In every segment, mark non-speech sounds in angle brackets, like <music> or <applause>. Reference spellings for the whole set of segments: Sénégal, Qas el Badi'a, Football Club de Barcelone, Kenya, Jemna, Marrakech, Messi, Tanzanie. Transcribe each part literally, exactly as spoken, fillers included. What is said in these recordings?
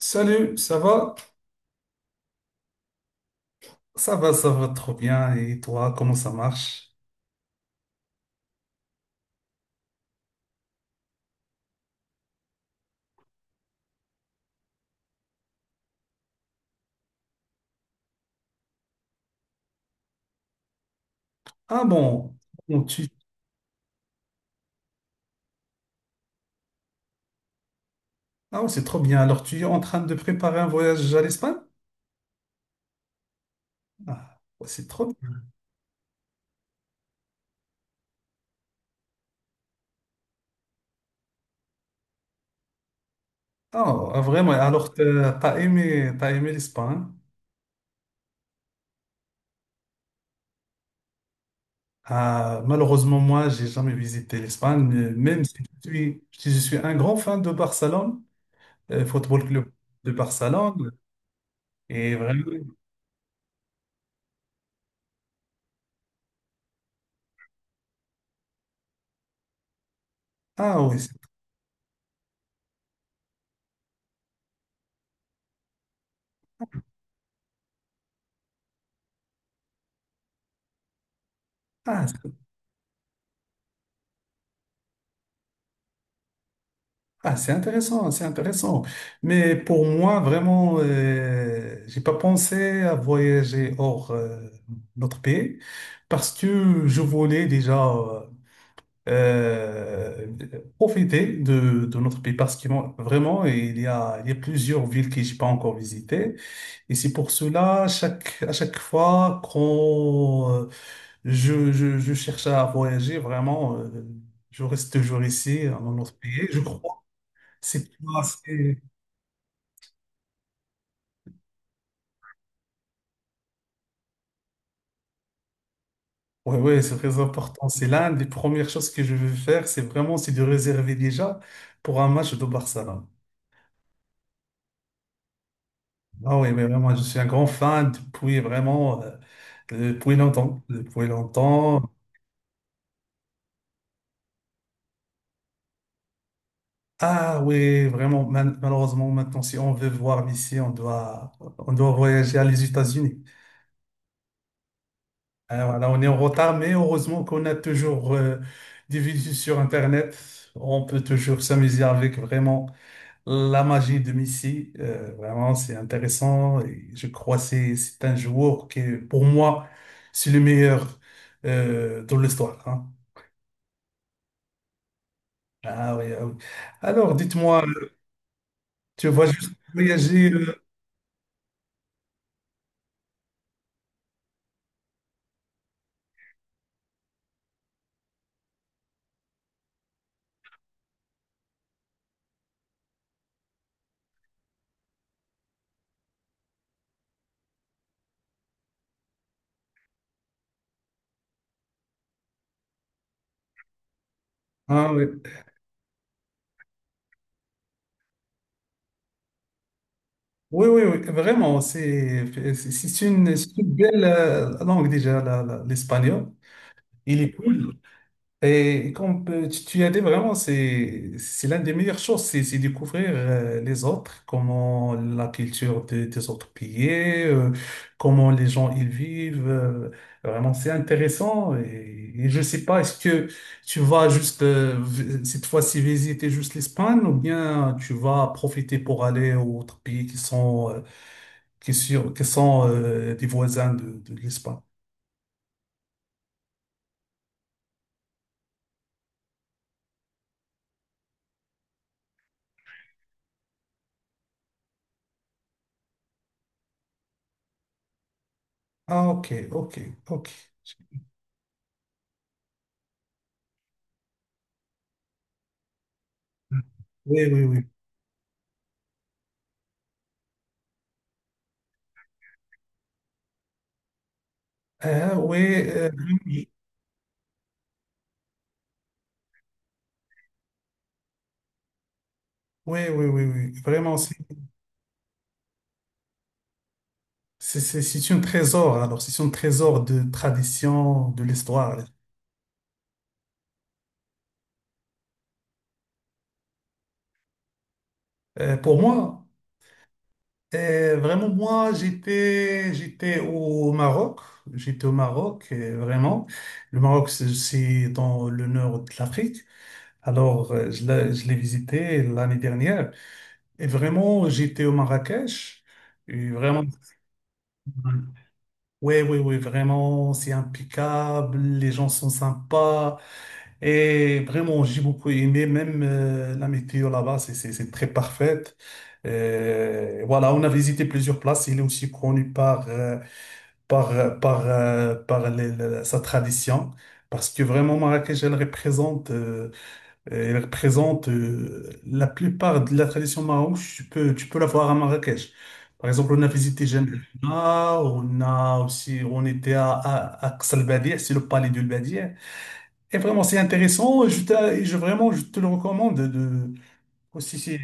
Salut, ça va? Ça va, ça va trop bien. Et toi, comment ça marche? Ah bon, bon, tu... Ah, ouais, c'est trop bien. Alors, tu es en train de préparer un voyage à l'Espagne? Ah, ouais, c'est trop bien. Ah, ah, vraiment, alors, t'as t'as aimé, t'as aimé l'Espagne? Ah, malheureusement, moi, j'ai jamais visité l'Espagne, euh, même si je suis, si je suis un grand fan de Barcelone, euh, Football Club de Barcelone. Et vraiment, ah oui, c'est- ah, ah, c'est intéressant, c'est intéressant. Mais pour moi, vraiment, euh, j'ai pas pensé à voyager hors euh, notre pays parce que je voulais déjà euh, euh, profiter de, de notre pays parce que moi, vraiment, il y a, il y a plusieurs villes que j'ai pas encore visitées. Et c'est pour cela, chaque, à chaque fois quand euh, je, je, je cherche à voyager, vraiment, euh, je reste toujours ici, dans notre pays. Je crois c'est pas assez- Ouais, ouais, c'est très important. C'est l'un des premières choses que je veux faire, c'est vraiment c'est de réserver déjà pour un match de Barcelone. Ah oui, mais vraiment, je suis un grand fan depuis vraiment euh, depuis longtemps, depuis longtemps. Ah oui, vraiment. Mal- malheureusement, maintenant, si on veut voir Messi, on doit on doit voyager à les États-Unis. Alors là, on est en retard, mais heureusement qu'on a toujours euh, des vidéos sur Internet. On peut toujours s'amuser avec vraiment. La magie de Messi, euh, vraiment, c'est intéressant. Et je crois que c'est c'est un joueur qui, est, pour moi, c'est le meilleur euh, dans l'histoire, hein. Ah oui, ah oui. Alors, dites-moi, tu vas juste voyager. Euh, hein, oui. Oui, oui, oui, vraiment, c'est c'est c'est une, c'est une belle euh, langue déjà, la- la- l'espagnol. Il est et comme euh, tu, tu as dit vraiment, c'est c'est l'une des meilleures choses, c'est c'est découvrir euh, les autres, comment la culture de- des autres pays, euh, comment les gens ils vivent. Euh, vraiment, c'est intéressant. Et, et je sais pas, est-ce que tu vas juste euh, vi- cette fois-ci visiter juste l'Espagne ou bien tu vas profiter pour aller aux autres pays qui sont euh, qui sur- qui sont euh, des voisins de, de l'Espagne? Ah ok, ok, ok. Oui, oui, oui. Euh, oui, euh, oui, oui, oui, oui. Oui. Oui. Vraiment, c'est c'est- c'est- c'est un trésor. Alors, c'est un trésor de tradition, de l'histoire. Euh, pour moi, euh, vraiment, moi, j'étais, j'étais au Maroc. J'étais au Maroc, euh, vraiment. Le Maroc, c'est c'est dans le nord de l'Afrique. Alors, euh, je l'ai je l'ai visité l'année dernière. Et vraiment, j'étais au Marrakech. Et vraiment, ouais, ouais, ouais, vraiment, c'est impeccable, les gens sont sympas. Et vraiment, j'ai beaucoup aimé, même euh, la météo là-bas, c'est c'est- c'est très parfaite. Euh, voilà, on a visité plusieurs places. Il est aussi connu par, euh, par, euh, par, euh, par les- les- sa tradition, parce que vraiment Marrakech, elle représente euh, euh, elle représente euh, la plupart de la tradition marocaine. Tu peux, tu peux la voir à Marrakech. Par exemple, on a visité Jemna, on a aussi, on était à, à, à Qas el Badi'a, c'est le palais du Badia. Et vraiment, c'est intéressant. Et je, t'a- et je vraiment, je te le recommande. De, aussi, c'est,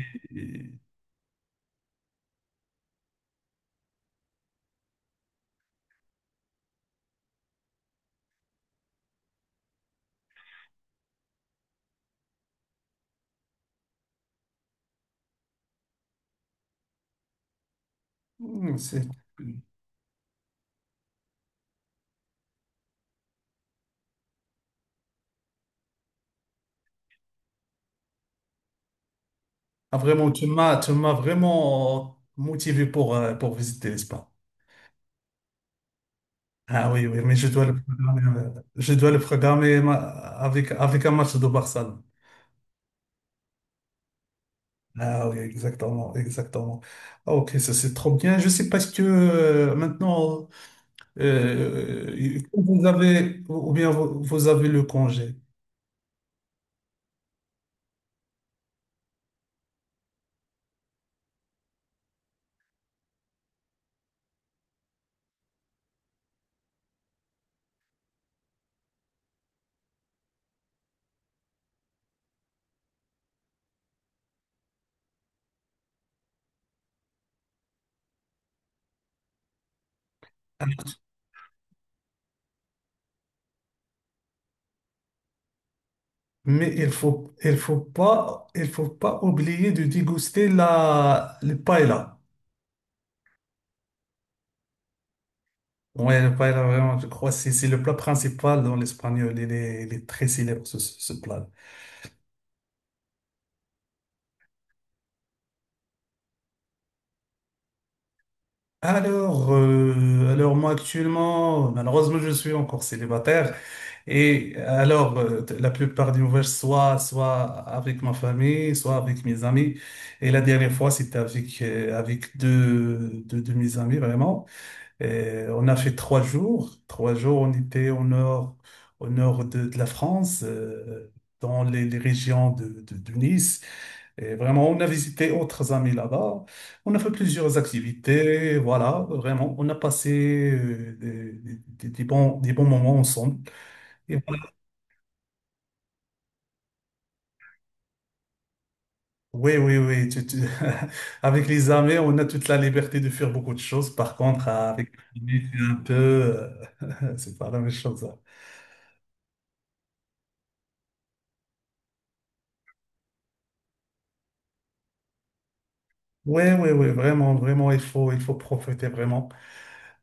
c'est- ah, vraiment, tu m'as, tu m'as vraiment motivé pour, euh, pour visiter l'Espagne. Ah oui, oui, mais je dois le programmer, euh, je dois le programmer ma- avec, avec un match de Barça. Ah oui, exactement, exactement. Ah, ok, ça c'est trop bien. Je sais parce que euh, maintenant, euh, vous avez, ou bien vous, vous avez le congé. Mais il faut, il faut pas, il faut pas oublier de déguster la, le paella. Ouais, le paella, vraiment, je crois que c'est c'est le plat principal dans l'espagnol. Il est, il est très célèbre, ce, ce- ce plat. Alors, euh, alors moi actuellement, malheureusement, je suis encore célibataire. Et alors, euh, la plupart des voyages, soit, soit avec ma famille, soit avec mes amis. Et la dernière fois, c'était avec, euh, avec deux, deux de mes amis, vraiment. Et on a fait trois jours. Trois jours, on était au nord, au nord de, de la France, euh, dans les, les régions de, de, de Nice. Et vraiment, on a visité autres amis là-bas. On a fait plusieurs activités. Voilà, vraiment, on a passé euh, des, des, des bons, des bons moments ensemble. Oui, oui, oui. tu- tu- <laughs> Avec les armées, on a toute la liberté de faire beaucoup de choses. Par contre, avec les armées, c'est un peu, euh, <laughs> c'est pas la même chose, hein. Oui, oui, oui, vraiment, vraiment, il faut, il faut profiter vraiment,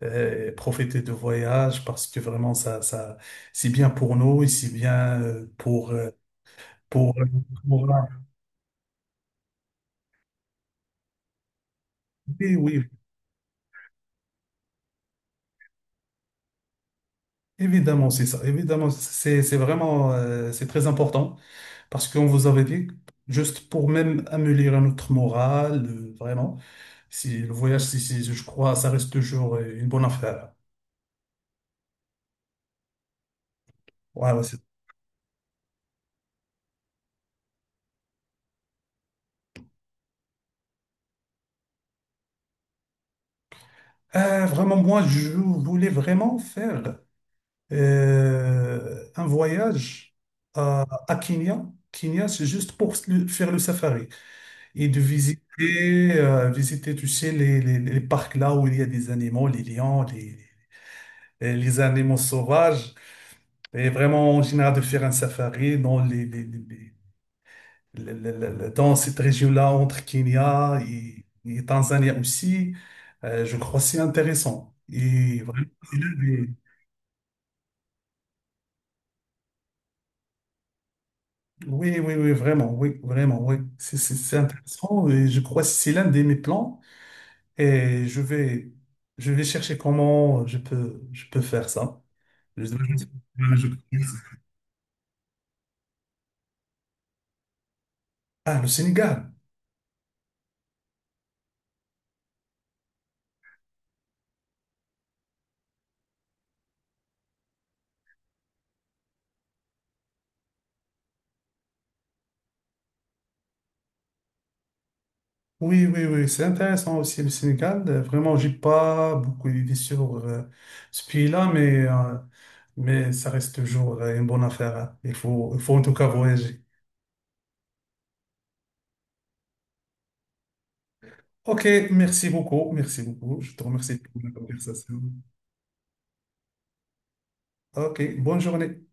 euh, profiter de voyage parce que vraiment, ça, ça, c'est bien pour nous et c'est bien euh, pour, euh, pour, euh, pour- Oui, oui, évidemment, c'est ça. Évidemment, c'est, c'est vraiment, euh, c'est très important. Parce qu'on vous avait dit, juste pour même améliorer notre morale, euh, vraiment, si le voyage, si, si- je crois, ça reste toujours euh, une bonne affaire. Ouais, ouais, c'est- Euh, vraiment, moi, je voulais vraiment faire euh, un voyage à, à Kenya. Kenya, c'est juste pour le- faire le safari et de visiter, euh, visiter, tu sais, les, les, les parcs là où il y a des animaux, les lions, les, les animaux sauvages. Et vraiment, en général, de faire un safari dans, les, les- les- les- le- le- le- le- dans cette région-là, entre Kenya et, et Tanzanie aussi, euh, je crois que c'est intéressant. Et vraiment, c'est l'un des- Oui, oui, oui, vraiment, oui, vraiment, oui. C'est c'est- c'est intéressant et je crois que c'est l'un de mes plans. Et je vais, je vais chercher comment je peux, je peux faire ça. Je- je- je- je- Ah, le Sénégal. Oui, oui, oui, c'est intéressant aussi le Sénégal. Euh, Vraiment, j'ai pas beaucoup d'idées sur euh, ce pays-là, mais, euh, mais ça reste toujours euh, une bonne affaire, hein. Il faut, il faut en tout cas voyager. Ok, merci beaucoup, merci beaucoup. Je te remercie pour la conversation. Ok, bonne journée.